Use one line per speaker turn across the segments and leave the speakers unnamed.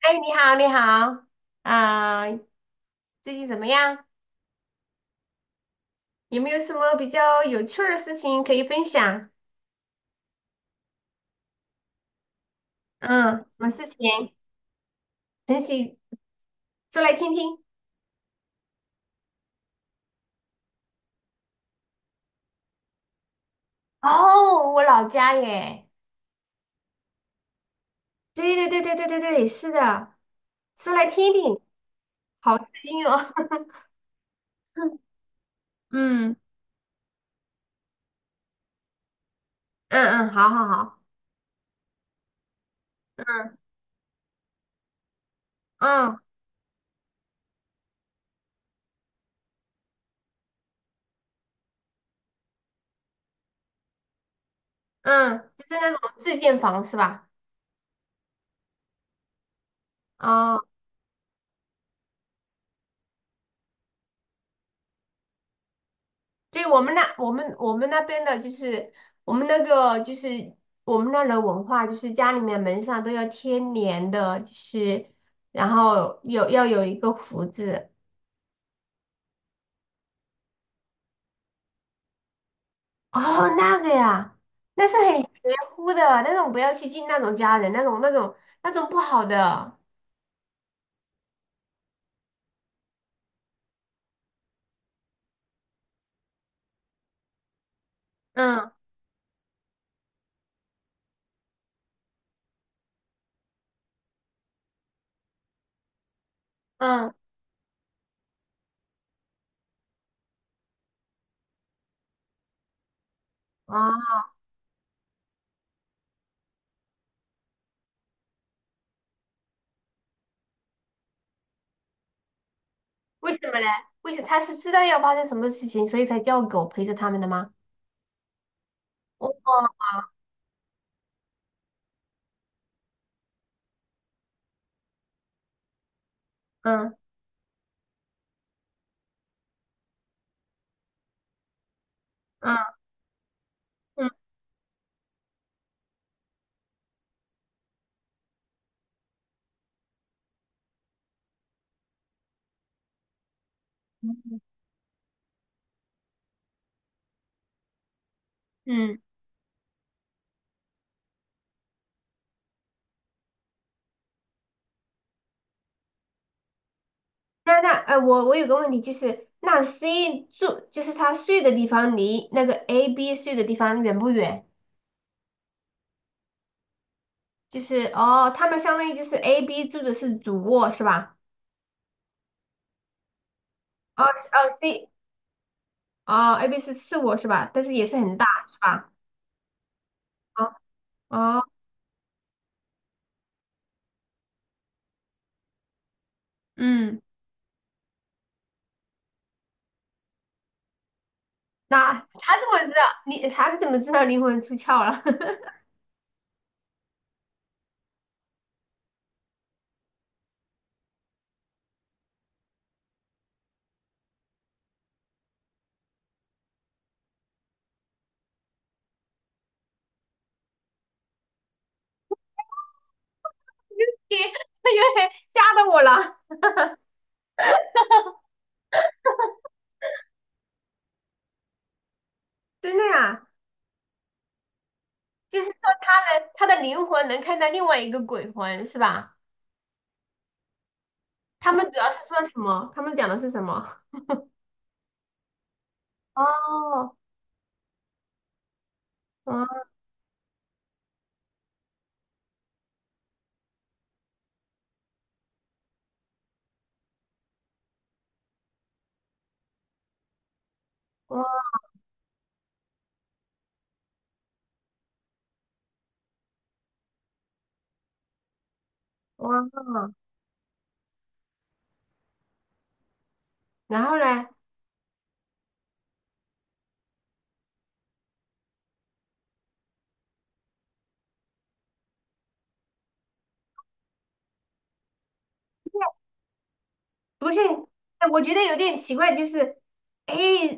哎，你好，你好，啊，最近怎么样？有没有什么比较有趣儿的事情可以分享？嗯，什么事情？晨曦，说来听听。哦，我老家耶。对对对对对对对，是的，说来听听，好刺哦。嗯嗯嗯，好好好，嗯嗯嗯，就是那种自建房是吧？哦。对，我们那个就是我们那儿的文化，就是家里面门上都要贴年的，就是然后要有一个福字。哦，那个呀，那是很邪乎的，那种不要去进那种家人，那种不好的。嗯嗯，啊，为什么嘞？他是知道要发生什么事情，所以才叫狗陪着他们的吗？哦，嗯嗯嗯嗯。嗯，那哎，我有个问题，就是那 C 住，就是他睡的地方离那个 A、B 睡的地方远不远？就是哦，他们相当于就是 A、B 住的是主卧是吧？哦是哦， A、B 是次卧是吧？但是也是很大是吧？哦哦，嗯，那他怎么知道？你他怎么知道灵魂出窍了？因为因为吓到我了。真的呀，就是说他的灵魂能看到另外一个鬼魂是吧？他们主要是说什么？他们讲的是什么？哦，哇哇哇！然后呢？不是，哎，我觉得有点奇怪，就是，哎，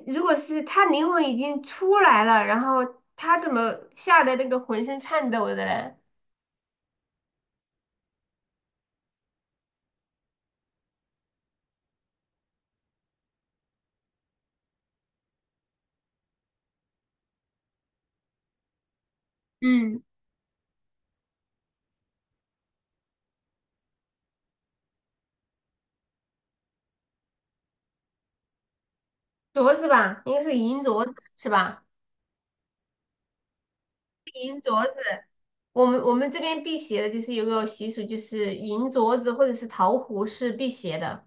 如果是他灵魂已经出来了，然后他怎么吓得那个浑身颤抖的嘞？嗯，镯子吧，应该是银镯子是吧？银镯子，我们这边辟邪的，就是有个习俗，就是银镯子或者是桃核是辟邪的。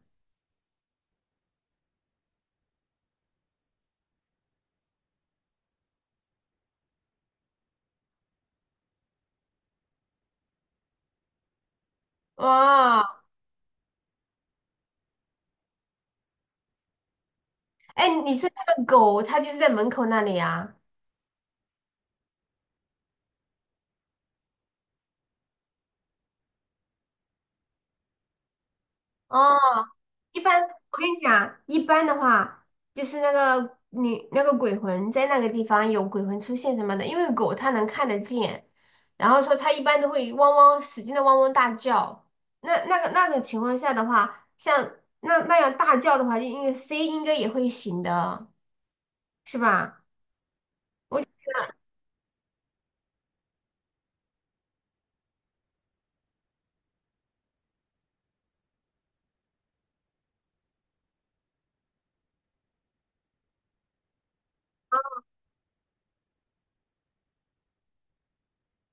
哇，哎，你说那个狗，它就是在门口那里啊？哦，一般我跟你讲，一般的话，就是那个你那个鬼魂在那个地方有鬼魂出现什么的，因为狗它能看得见，然后说它一般都会汪汪使劲的汪汪大叫。那个那种情况下的话，像那样大叫的话，就应该 C 应该也会醒的，是吧？我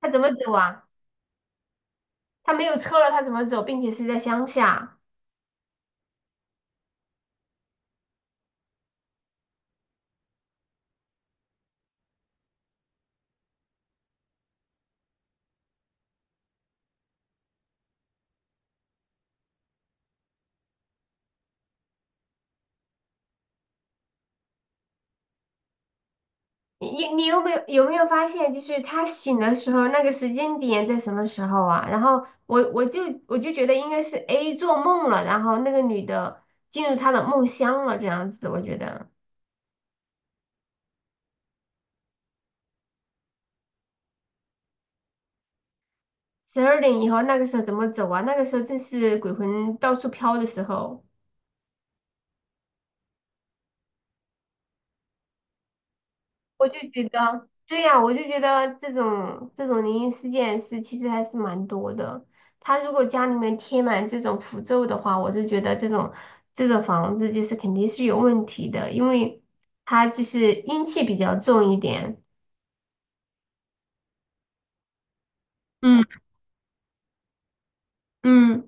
它怎么走啊？它没有车了，它怎么走？并且是在乡下。你有没有发现，就是他醒的时候那个时间点在什么时候啊？然后我就觉得应该是 A 做梦了，然后那个女的进入他的梦乡了，这样子我觉得12点以后那个时候怎么走啊？那个时候正是鬼魂到处飘的时候。我就觉得，对呀，我就觉得这种灵异事件是其实还是蛮多的。他如果家里面贴满这种符咒的话，我就觉得这种房子就是肯定是有问题的，因为它就是阴气比较重一点。嗯嗯，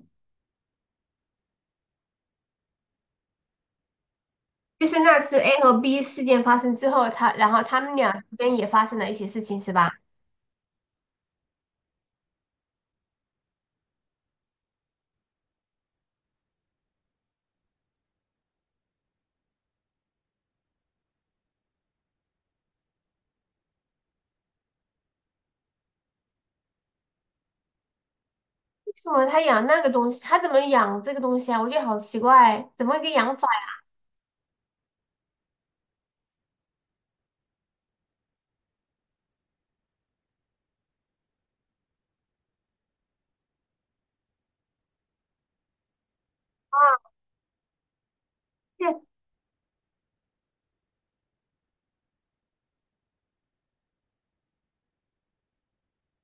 就是那次 A 和 B 事件发生之后，他然后他们俩之间也发生了一些事情，是吧？为什么他养那个东西？他怎么养这个东西啊？我觉得好奇怪，怎么一个养法？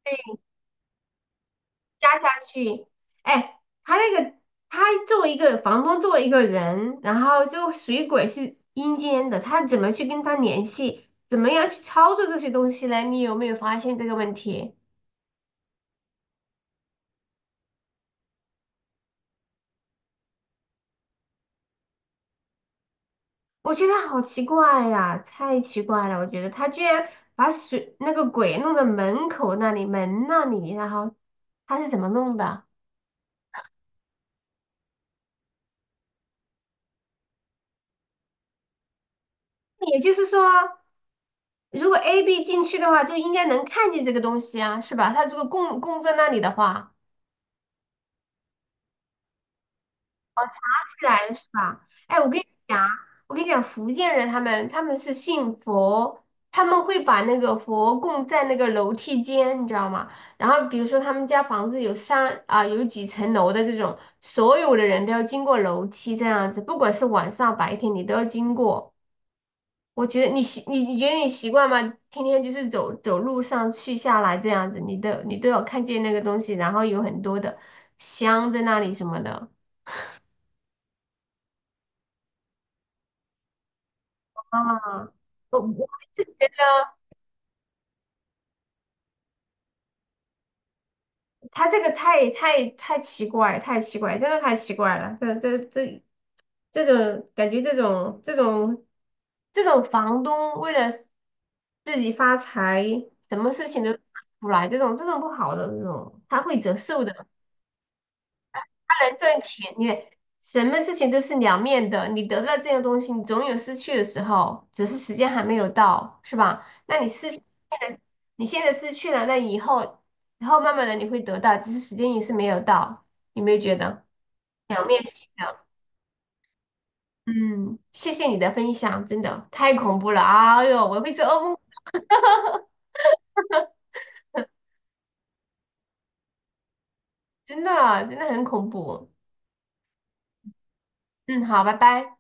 对。压下去。哎，他那个他作为一个房东，作为一个人，然后就水鬼是阴间的，他怎么去跟他联系？怎么样去操作这些东西呢？你有没有发现这个问题？我觉得好奇怪呀，太奇怪了！我觉得他居然把那个鬼弄到门口那里、门那里，然后他是怎么弄的？也就是说，如果 A、B 进去的话，就应该能看见这个东西啊，是吧？他如果供供在那里的话。自然是吧？哎，我跟你讲啊，我跟你讲，福建人他们是信佛，他们会把那个佛供在那个楼梯间，你知道吗？然后比如说他们家房子有三啊，有几层楼的这种，所有的人都要经过楼梯这样子，不管是晚上白天你都要经过。我觉得你觉得你习惯吗？天天就是走走路上去下来这样子，你都有看见那个东西，然后有很多的香在那里什么的。啊，我是觉得。他这个太太太奇怪，太奇怪，真的太奇怪了。这种感觉，这种房东为了自己发财，什么事情都干不出来，这种不好的这种，他会折寿的。赚钱，你看什么事情都是两面的，你得到这个东西，你总有失去的时候，只是时间还没有到，是吧？那你失去现在你现在失去了，那以后，以后慢慢的你会得到，只是时间也是没有到，有没有觉得两面性的？嗯，谢谢你的分享，真的太恐怖了，哎呦，我会做噩梦，真的真的很恐怖。嗯，好，拜拜。